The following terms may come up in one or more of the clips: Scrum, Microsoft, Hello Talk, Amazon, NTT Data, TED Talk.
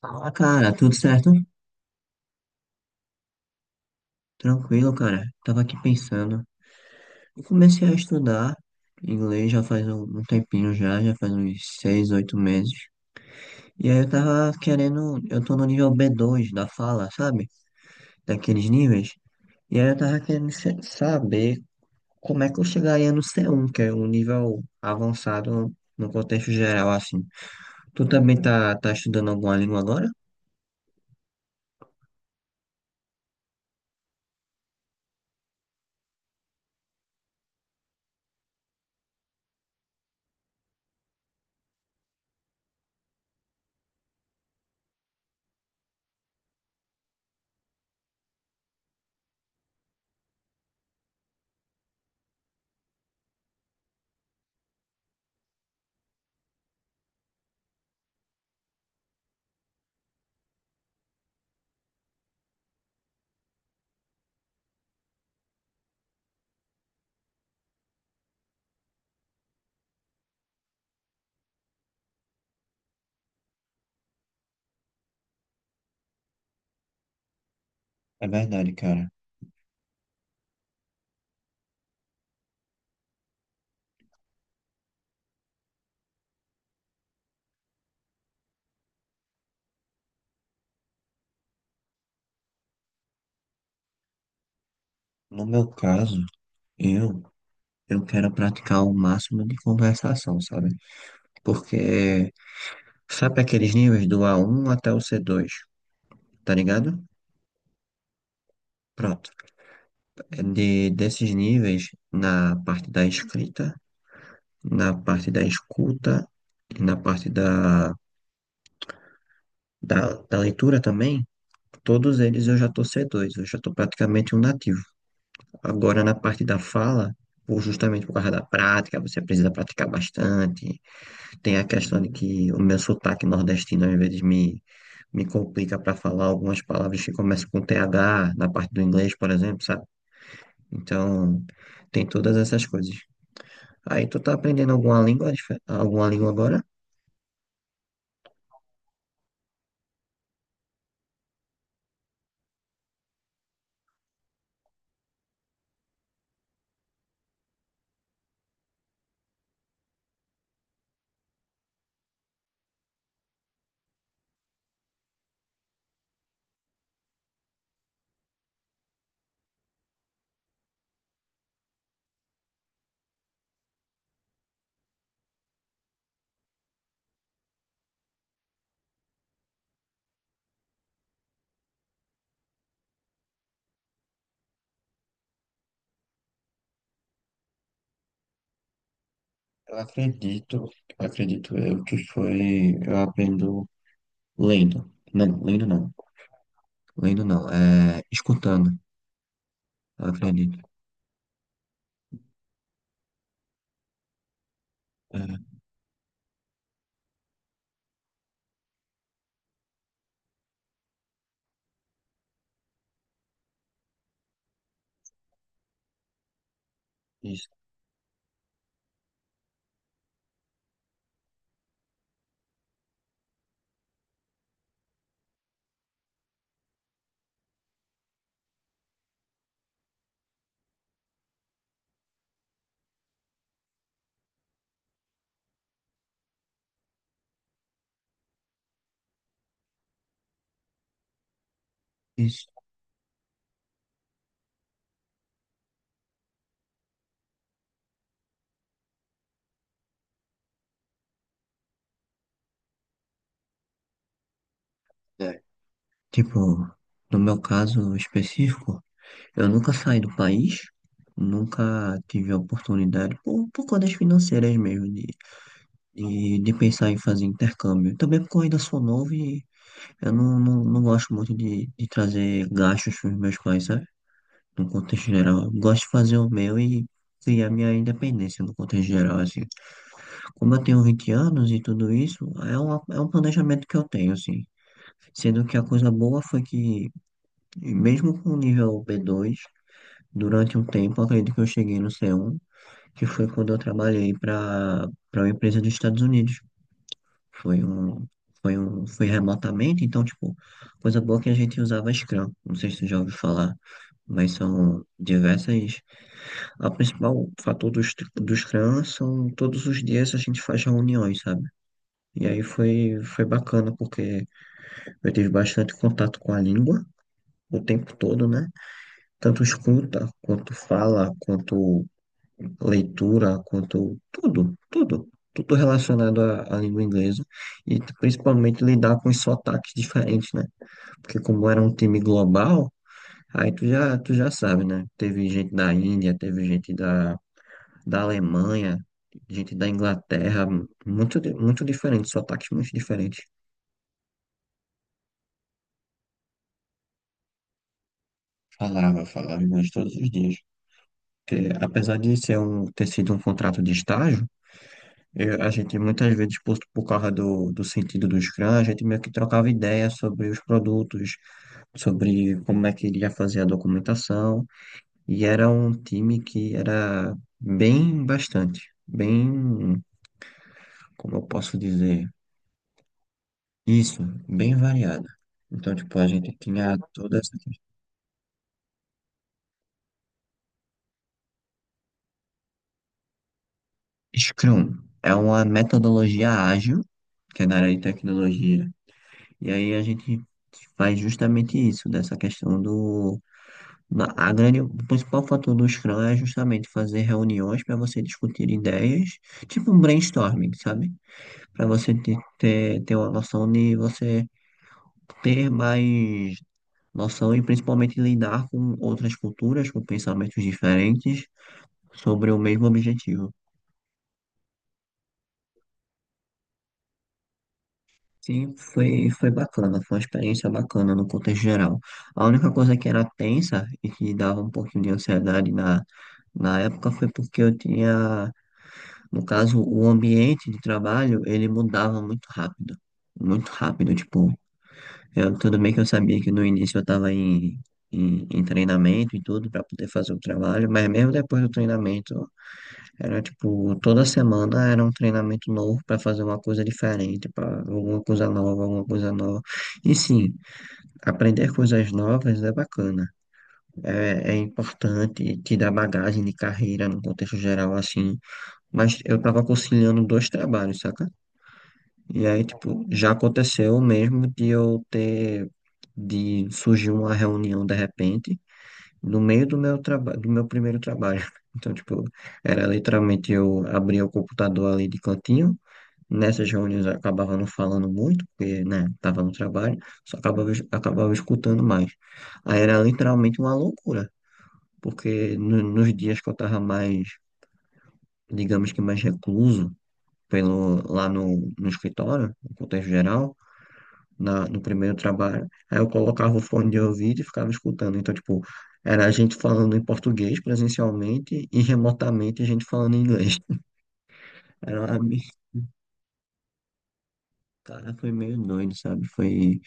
Fala, cara, tudo certo? Tranquilo, cara. Tava aqui pensando. Eu comecei a estudar inglês já faz um tempinho já faz uns seis, oito meses. E aí eu tô no nível B2 da fala, sabe? Daqueles níveis. E aí eu tava querendo saber como é que eu chegaria no C1, que é um nível avançado no contexto geral, assim. Tu também tá estudando alguma língua agora? É verdade, cara. No meu caso, eu eu quero praticar o máximo de conversação, sabe? Porque sabe aqueles níveis do A1 até o C2, tá ligado? Pronto. Desses níveis, na parte da escrita, na parte da escuta e na parte da leitura também, todos eles eu já tô C2, eu já tô praticamente um nativo. Agora, na parte da fala, justamente por causa da prática, você precisa praticar bastante. Tem a questão de que o meu sotaque nordestino às vezes me complica para falar algumas palavras que começam com TH, na parte do inglês, por exemplo, sabe? Então, tem todas essas coisas. Aí, tu tá aprendendo alguma língua, alguma língua agora? Eu acredito, acredito eu que foi, eu aprendo lendo. Não, lendo não. Lendo não, é escutando, eu acredito. É, isso, isso. É. Tipo, no meu caso específico, eu nunca saí do país, nunca tive a oportunidade, por contas financeiras mesmo, de pensar em fazer intercâmbio. Também porque eu ainda sou novo e eu não gosto muito de trazer gastos para os meus pais, sabe? No contexto geral. Eu gosto de fazer o meu e criar minha independência no contexto geral, assim. Como eu tenho 20 anos e tudo isso, é um planejamento que eu tenho, assim. Sendo que a coisa boa foi que, mesmo com o nível B2, durante um tempo, eu acredito que eu cheguei no C1, que foi quando eu trabalhei para uma empresa dos Estados Unidos. Foi um foi remotamente, então tipo, coisa boa que a gente usava Scrum. Não sei se tu já ouviu falar, mas são diversas. A principal fator do Scrum são todos os dias a gente faz reuniões, sabe? E aí foi bacana porque eu tive bastante contato com a língua o tempo todo, né? Tanto escuta, quanto fala, quanto leitura, quanto tudo, tudo, tudo relacionado à língua inglesa e principalmente lidar com os sotaques diferentes, né? Porque como era um time global, aí tu já sabe, né? Teve gente da Índia, teve gente da Alemanha, gente da Inglaterra, muito diferente, sotaques muito diferentes. Falava, falava inglês todos os dias. Porque, apesar de ter sido um contrato de estágio, a gente muitas vezes, por causa do sentido do Scrum, a gente meio que trocava ideias sobre os produtos, sobre como é que iria fazer a documentação, e era um time que era bem bastante, bem, como eu posso dizer, isso, bem variado. Então, tipo, a gente tinha toda essa questão. Scrum é uma metodologia ágil, que é na área de tecnologia, e aí a gente faz justamente isso, dessa questão do Na- A grande, o principal fator do Scrum é justamente fazer reuniões para você discutir ideias, tipo um brainstorming, sabe? Para você ter uma noção de você ter mais noção e principalmente lidar com outras culturas, com pensamentos diferentes sobre o mesmo objetivo. Sim, foi bacana, foi uma experiência bacana no contexto geral. A única coisa que era tensa e que dava um pouquinho de ansiedade na época foi porque eu tinha. No caso, o ambiente de trabalho, ele mudava muito rápido. Muito rápido, tipo, tudo bem que eu sabia que no início eu estava em treinamento e tudo para poder fazer o trabalho, mas mesmo depois do treinamento, era tipo, toda semana era um treinamento novo para fazer uma coisa diferente, para alguma coisa nova, alguma coisa nova. E sim, aprender coisas novas é bacana, é importante, te dá bagagem de carreira no contexto geral, assim, mas eu estava conciliando dois trabalhos, saca? E aí, tipo, já aconteceu mesmo de de surgir uma reunião de repente, no meio do meu trabalho, do meu primeiro trabalho. Então, tipo, era literalmente eu abria o computador ali de cantinho. Nessas reuniões eu acabava não falando muito, porque, né, tava no trabalho, só acabava escutando mais. Aí era literalmente uma loucura, porque nos dias que eu tava mais, digamos que mais recluso, lá no escritório, no contexto geral, no primeiro trabalho. Aí eu colocava o fone de ouvido e ficava escutando. Então, tipo, era a gente falando em português presencialmente e remotamente a gente falando em inglês. Era uma... mi- Cara, foi meio doido, sabe? Foi.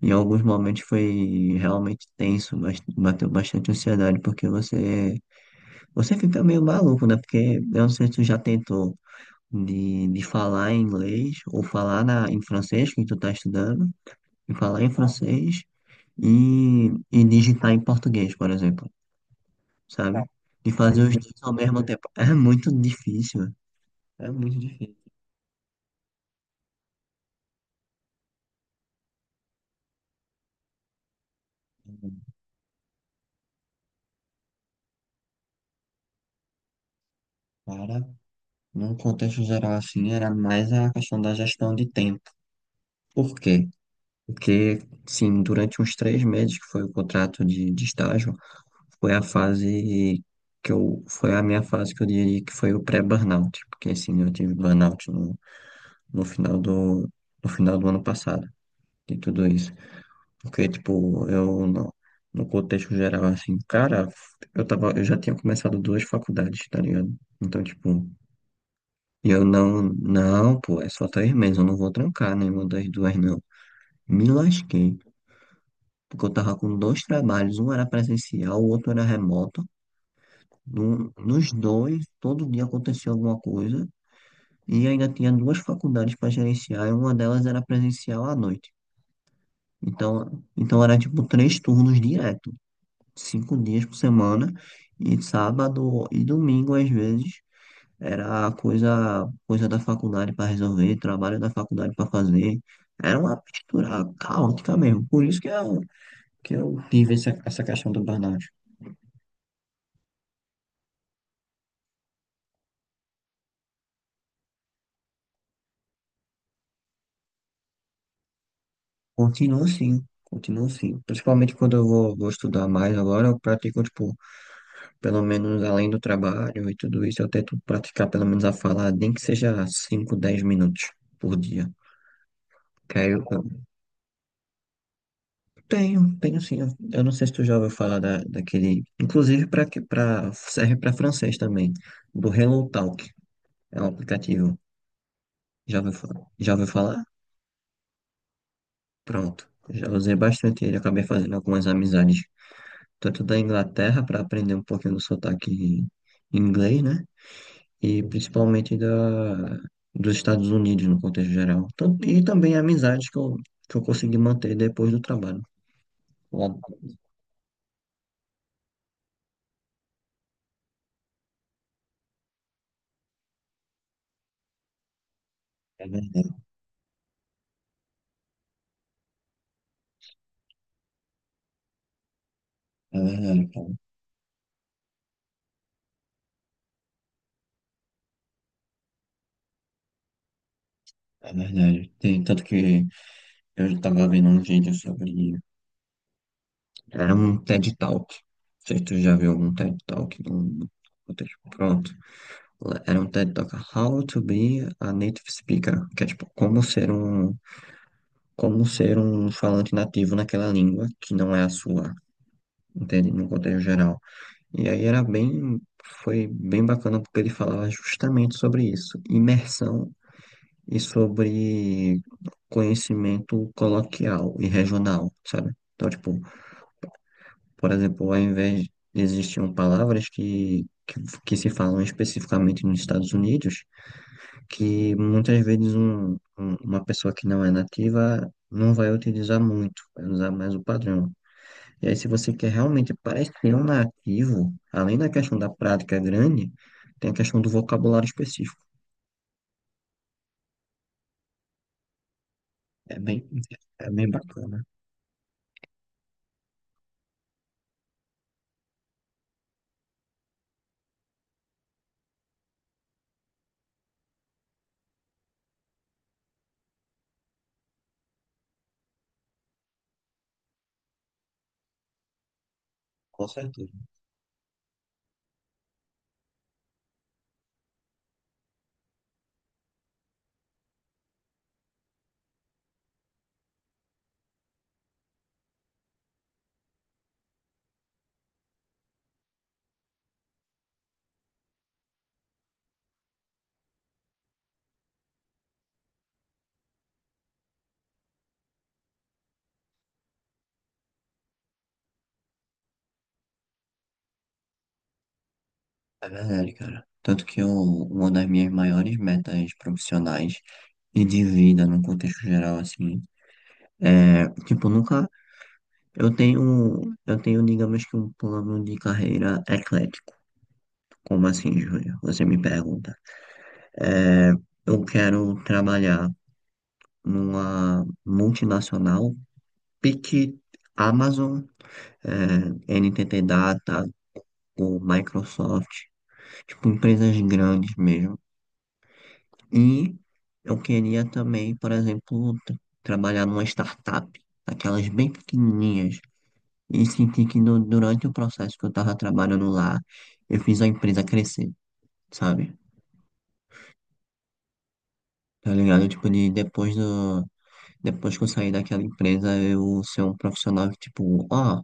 Em alguns momentos foi realmente tenso, mas bateu bastante ansiedade, porque você fica meio maluco, né? Porque eu não sei se tu já tentou de falar em inglês ou falar em francês, que tu tá estudando, e falar em francês e digitar em português, por exemplo, sabe? Não, de fazer os dois ao mesmo tempo. É muito difícil, é muito difícil. Cara, num contexto geral assim, era mais a questão da gestão de tempo. Por quê? Porque, sim, durante uns 3 meses, que foi o contrato de estágio, foi a fase foi a minha fase que eu diria que foi o pré-burnout, porque, assim, eu tive burnout no final do, no final do ano passado, de tudo isso. Porque, tipo, eu não, no contexto geral, assim, cara, eu já tinha começado duas faculdades, tá ligado? Então, tipo, eu não, não, pô, é só 3 meses, eu não vou trancar nenhuma das duas, não. Me lasquei, porque eu tava com dois trabalhos, um era presencial, o outro era remoto. Nos dois, todo dia acontecia alguma coisa, e ainda tinha duas faculdades para gerenciar, e uma delas era presencial à noite. Então era tipo 3 turnos direto. 5 dias por semana, e sábado e domingo, às vezes, era coisa da faculdade para resolver, trabalho da faculdade para fazer. Era uma mistura caótica mesmo. Por isso que eu tive essa questão do burnout. Continuo sim, continuo sim. Principalmente quando eu vou estudar mais agora, eu pratico, tipo, pelo menos além do trabalho e tudo isso, eu tento praticar pelo menos a falar, nem que seja 5 10 minutos por dia. Que aí eu, Tenho, tenho sim. Eu não sei se tu já ouviu falar daquele. Inclusive, serve para francês também. Do Hello Talk. É um aplicativo. Já ouviu, fa- já ouviu falar? Pronto. Já usei bastante ele. Acabei fazendo algumas amizades. Tanto da Inglaterra, para aprender um pouquinho do sotaque inglês, né? E principalmente dos Estados Unidos, no contexto geral. E também amizades que eu consegui manter depois do trabalho. Lá- É verdade, é verdade, cara. É verdade. Tem, tanto que eu estava vendo um vídeo sobre. Era um TED Talk. Não sei se tu já viu algum TED Talk no contexto. Pronto. Era um TED Talk How to be a Native Speaker. Que é tipo, como ser um falante nativo naquela língua que não é a sua. Entende? No contexto geral. E aí era bem. Foi bem bacana porque ele falava justamente sobre isso. Imersão e sobre conhecimento coloquial e regional, sabe? Então, tipo, por exemplo, ao invés de existiam palavras que se falam especificamente nos Estados Unidos, que muitas vezes uma pessoa que não é nativa não vai utilizar muito, vai usar mais o padrão. E aí, se você quer realmente parecer um nativo, além da questão da prática grande, tem a questão do vocabulário específico. É bem, é bem bacana. Com certeza. É verdade, cara. Tanto que eu, uma das minhas maiores metas profissionais e de vida no contexto geral, assim, é, tipo, nunca, eu tenho, digamos que um plano de carreira eclético. Como assim, Júlia? Você me pergunta. É, eu quero trabalhar numa multinacional, pique Amazon, NTT Data, ou Microsoft, tipo, empresas grandes mesmo. E eu queria também, por exemplo, trabalhar numa startup, aquelas bem pequenininhas, e sentir que durante o processo que eu tava trabalhando lá, eu fiz a empresa crescer, sabe? Tá ligado? Tipo, depois que eu sair daquela empresa, eu ser um profissional que, tipo, ó,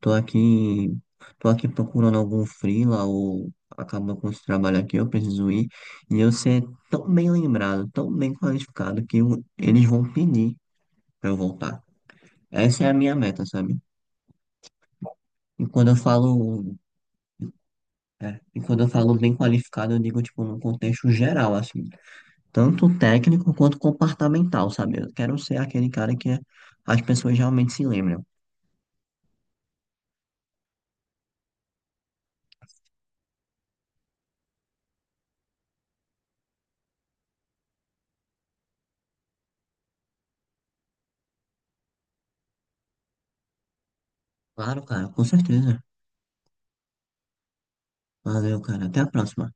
tô aqui, tô aqui procurando algum freela ou acabou com esse trabalho aqui, eu preciso ir, e eu ser tão bem lembrado, tão bem qualificado eles vão pedir pra eu voltar. Essa é a minha meta, sabe? E quando eu falo, e quando eu falo bem qualificado, eu digo, tipo, num contexto geral, assim, tanto técnico quanto comportamental, sabe? Eu quero ser aquele cara que as pessoas realmente se lembram. Claro, cara, com certeza. Valeu, cara. Até a próxima.